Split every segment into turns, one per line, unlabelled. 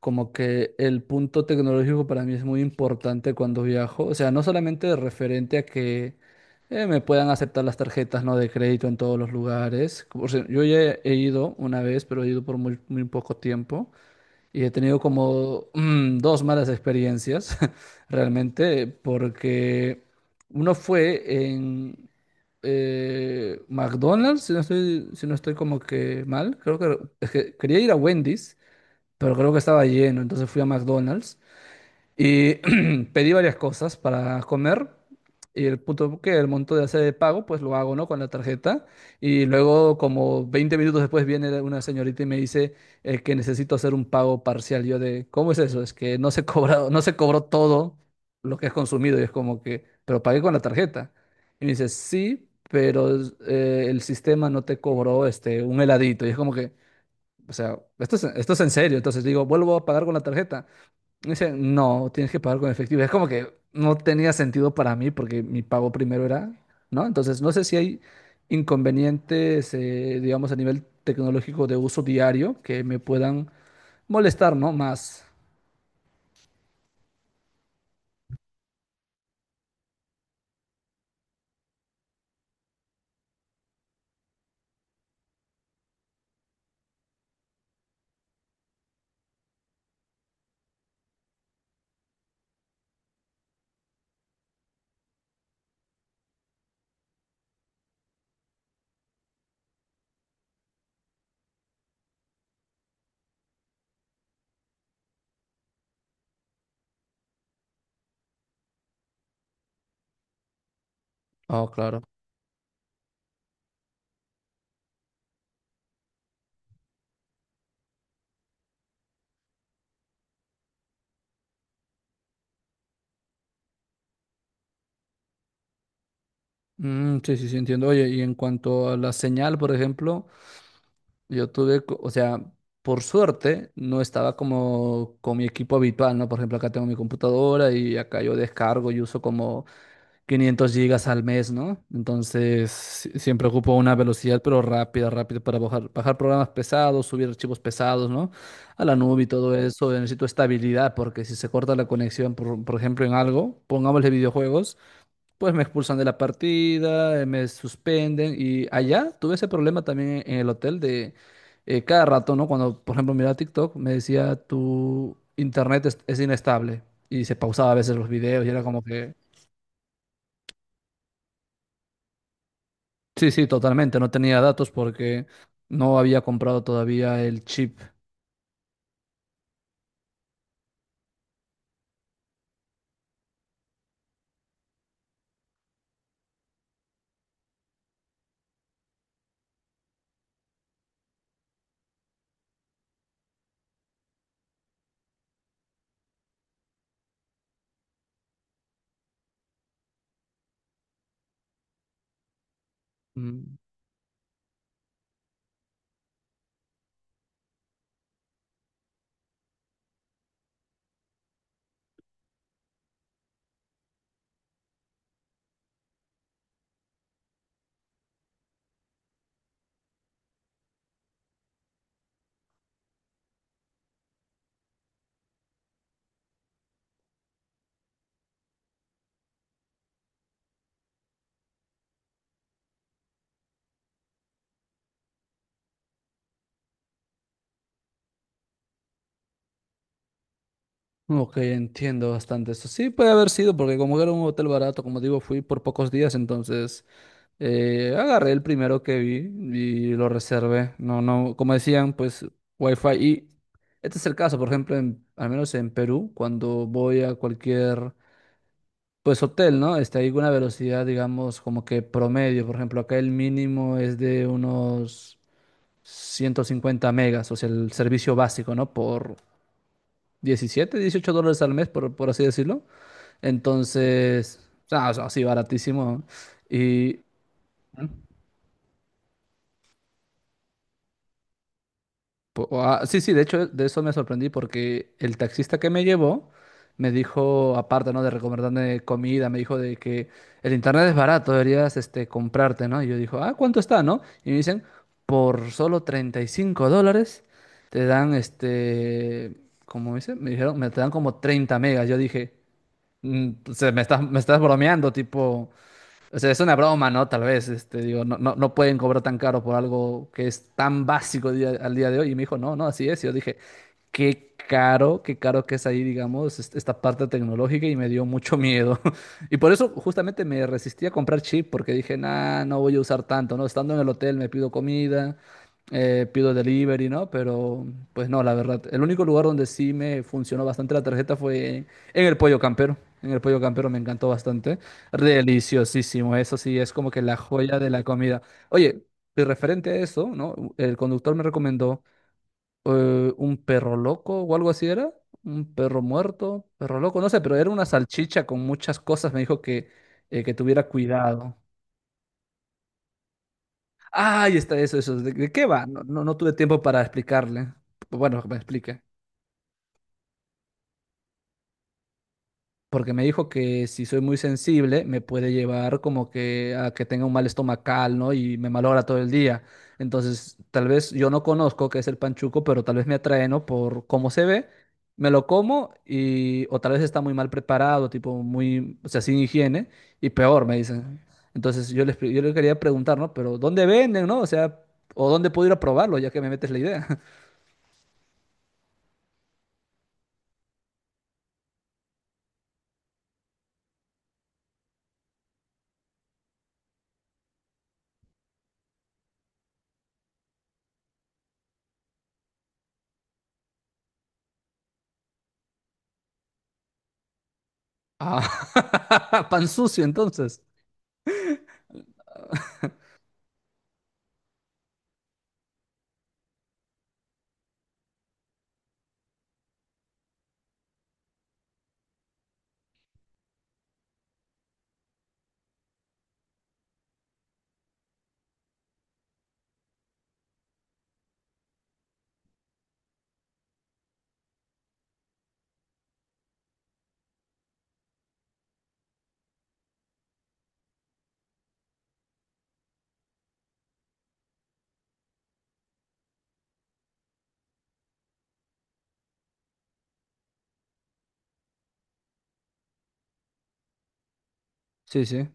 Como que el punto tecnológico para mí es muy importante cuando viajo. O sea, no solamente referente a que me puedan aceptar las tarjetas, ¿no?, de crédito en todos los lugares. O sea, yo ya he ido una vez, pero he ido por muy, muy poco tiempo y he tenido como dos malas experiencias, realmente, porque uno fue en McDonald's, si no estoy como que mal. Creo que es que quería ir a Wendy's, pero creo que estaba lleno, entonces fui a McDonald's y pedí varias cosas para comer. Y el punto que el monto de hacer de pago, pues lo hago, ¿no?, con la tarjeta. Y luego, como 20 minutos después, viene una señorita y me dice que necesito hacer un pago parcial. Yo de, ¿cómo es eso? Es que no no se cobró todo lo que has consumido. Y es como que, pero pagué con la tarjeta. Y me dice, sí, pero el sistema no te cobró este, un heladito. Y es como que, o sea, esto es en serio. Entonces digo, vuelvo a pagar con la tarjeta. Y dice, no, tienes que pagar con efectivo. Es como que no tenía sentido para mí porque mi pago primero era, ¿no? Entonces no sé si hay inconvenientes, digamos, a nivel tecnológico de uso diario que me puedan molestar, ¿no? Más. Oh, claro. Mm, sí, sí, sí, entiendo. Oye, y en cuanto a la señal, por ejemplo, yo tuve, o sea, por suerte no estaba como con mi equipo habitual, ¿no? Por ejemplo, acá tengo mi computadora y acá yo descargo y uso como 500 gigas al mes, ¿no? Entonces, siempre ocupo una velocidad, pero rápida, rápida, para bajar, bajar programas pesados, subir archivos pesados, ¿no?, a la nube y todo eso. Necesito estabilidad porque si se corta la conexión, por ejemplo, en algo, pongámosle videojuegos. Pues me expulsan de la partida, me suspenden, y allá tuve ese problema también en el hotel de cada rato, ¿no? Cuando, por ejemplo, miraba TikTok, me decía tu internet es inestable y se pausaba a veces los videos y era como que, sí, sí, totalmente, no tenía datos porque no había comprado todavía el chip. Mm, ok, entiendo bastante eso. Sí, puede haber sido porque como era un hotel barato, como digo, fui por pocos días. Entonces, agarré el primero que vi y lo reservé. No, no, como decían, pues Wi-Fi. Y este es el caso, por ejemplo, al menos en Perú, cuando voy a cualquier, pues hotel, ¿no? Hay una velocidad, digamos, como que promedio. Por ejemplo, acá el mínimo es de unos 150 megas, o sea, el servicio básico, ¿no?, por 17 $18 al mes, por así decirlo. Entonces, ah, o sea, sí, baratísimo, ¿no? Y ah, sí, sí, de hecho de eso me sorprendí porque el taxista que me llevó me dijo, aparte, ¿no?, de recomendarme comida, me dijo de que el internet es barato, deberías este, comprarte, ¿no? Y yo dijo, ah, ¿cuánto está, no? Y me dicen, por solo $35 te dan este, ¿cómo dice? Me dijeron, me te dan como 30 megas. Yo dije, "Mm, o sea, me estás bromeando, tipo, o sea, es una broma, ¿no? Tal vez, este, digo, no, no, no pueden cobrar tan caro por algo que es tan básico al día de hoy". Y me dijo, no, no, así es. Y yo dije, qué caro que es ahí, digamos, esta parte tecnológica, y me dio mucho miedo. Y por eso justamente me resistí a comprar chip porque dije, nah, no voy a usar tanto, ¿no? Estando en el hotel me pido comida, pido delivery, ¿no? Pero pues no, la verdad. El único lugar donde sí me funcionó bastante la tarjeta fue en el Pollo Campero. En el Pollo Campero me encantó bastante. Deliciosísimo, eso sí, es como que la joya de la comida. Oye, y referente a eso, ¿no?, el conductor me recomendó un perro loco o algo así era. Un perro muerto, perro loco, no sé, pero era una salchicha con muchas cosas. Me dijo que tuviera cuidado. Ahí está, eso, eso. ¿De qué va? No, no, no tuve tiempo para explicarle. Bueno, que me explique. Porque me dijo que si soy muy sensible, me puede llevar como que a que tenga un mal estomacal, ¿no?, y me malogra todo el día. Entonces, tal vez yo no conozco qué es el panchuco, pero tal vez me atrae, ¿no? Por cómo se ve, me lo como y. O tal vez está muy mal preparado, tipo muy. O sea, sin higiene. Y peor, me dicen. Entonces, yo le quería preguntar, ¿no? Pero, ¿dónde venden, no? O sea, ¿o dónde puedo ir a probarlo, ya que me metes la idea? Ah, pan sucio, entonces. Sí, sí.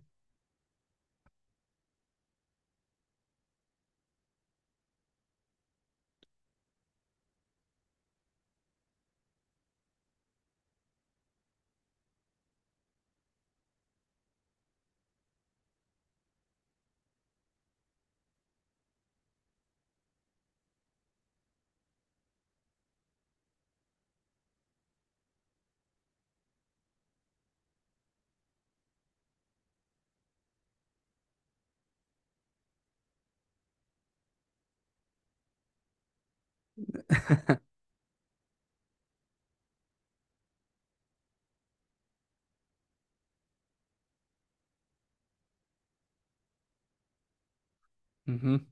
Ujú.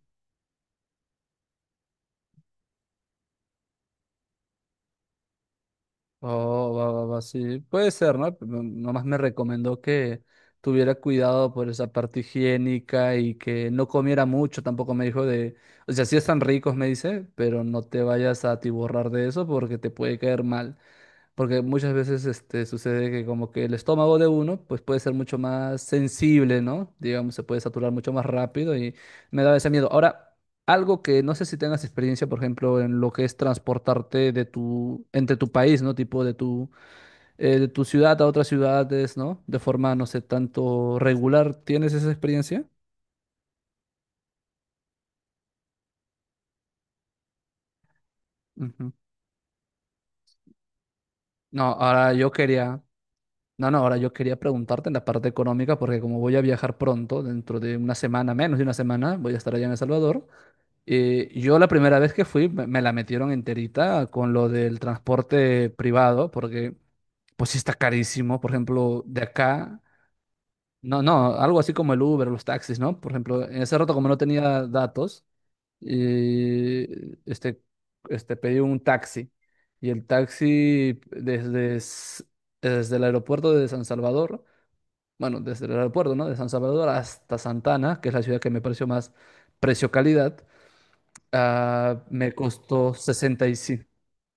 Oh, va, va, va, sí. Puede ser, ¿no? Pero nomás me recomendó que tuviera cuidado por esa parte higiénica y que no comiera mucho. Tampoco me dijo de. O sea, sí están ricos, me dice, pero no te vayas a atiborrar de eso porque te puede caer mal. Porque muchas veces este, sucede que como que el estómago de uno pues puede ser mucho más sensible, ¿no? Digamos, se puede saturar mucho más rápido, y me da ese miedo. Ahora, algo que no sé si tengas experiencia, por ejemplo, en lo que es transportarte de tu, entre tu país, ¿no? Tipo de tu ciudad a otras ciudades, ¿no? De forma, no sé, tanto regular. ¿Tienes esa experiencia? Ujú. No, ahora yo quería. No, no, ahora yo quería preguntarte en la parte económica, porque como voy a viajar pronto, dentro de una semana, menos de una semana, voy a estar allá en El Salvador. Yo la primera vez que fui me la metieron enterita con lo del transporte privado, porque pues sí está carísimo, por ejemplo, de acá. No, no, algo así como el Uber, los taxis, ¿no? Por ejemplo, en ese rato como no tenía datos, eh, este, pedí un taxi. Y el taxi desde el aeropuerto de San Salvador, bueno, desde el aeropuerto, ¿no?, de San Salvador hasta Santa Ana, que es la ciudad que me pareció más precio-calidad, ah, me costó 65.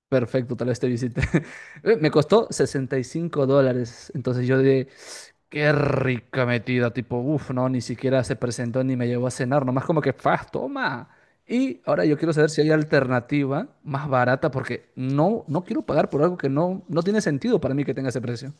Perfecto, tal vez te visite. Me costó $65. Entonces yo dije, qué rica metida. Tipo, uff, no, ni siquiera se presentó ni me llevó a cenar. Nomás como que, faz, toma. Y ahora yo quiero saber si hay alternativa más barata porque no, no quiero pagar por algo que no, no tiene sentido para mí que tenga ese precio.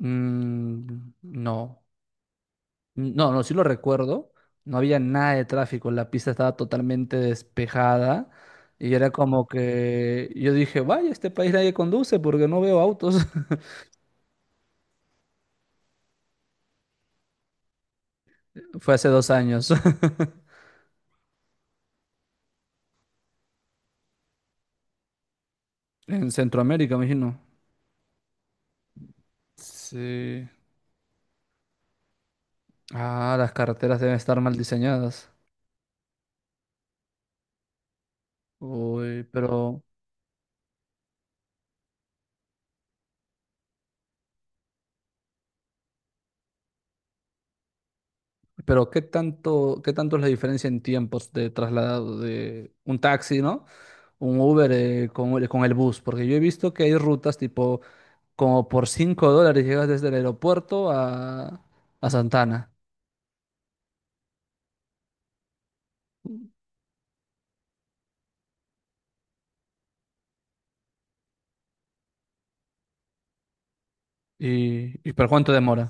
Mm, no. No, no, sí lo recuerdo. No había nada de tráfico, la pista estaba totalmente despejada, y era como que yo dije, vaya, este país nadie conduce porque no veo autos. Fue hace 2 años. En Centroamérica, me imagino. Sí. Ah, las carreteras deben estar mal diseñadas. Uy, pero ¿qué tanto es la diferencia en tiempos de traslado de un taxi, ¿no?, un Uber, con el bus? Porque yo he visto que hay rutas tipo, como por $5 llegas desde el aeropuerto a, Santana. ¿Y por cuánto demora?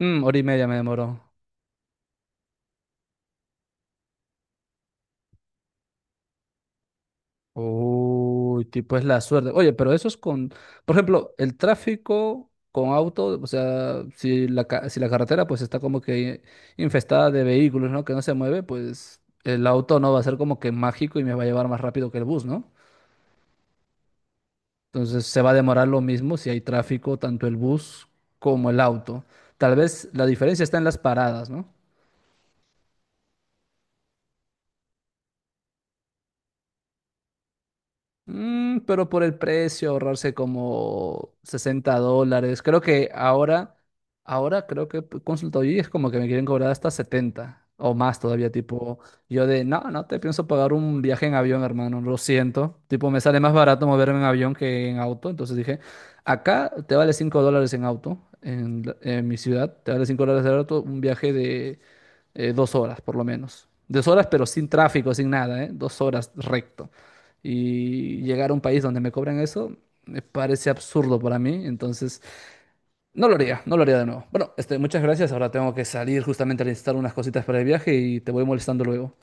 Mm, hora y media me demoró. Uy, tipo es la suerte. Oye, pero eso es con, por ejemplo, el tráfico con auto, o sea, si la carretera pues está como que infestada de vehículos, ¿no?, que no se mueve, pues el auto no va a ser como que mágico y me va a llevar más rápido que el bus, ¿no? Entonces se va a demorar lo mismo si hay tráfico, tanto el bus como el auto. Tal vez la diferencia está en las paradas, ¿no? Mm, pero por el precio, ahorrarse como $60. Creo que ahora creo que he consultado y es como que me quieren cobrar hasta 70 o más todavía. Tipo, yo de, no, no te pienso pagar un viaje en avión, hermano, lo siento. Tipo, me sale más barato moverme en avión que en auto. Entonces dije, acá te vale $5 en auto, en mi ciudad, te vale $5 en auto, un viaje de 2 horas por lo menos. 2 horas, pero sin tráfico, sin nada, ¿eh? 2 horas recto y llegar a un país donde me cobran eso me parece absurdo para mí, entonces no lo haría, no lo haría de nuevo. Bueno, este, muchas gracias, ahora tengo que salir justamente a necesitar unas cositas para el viaje y te voy molestando luego.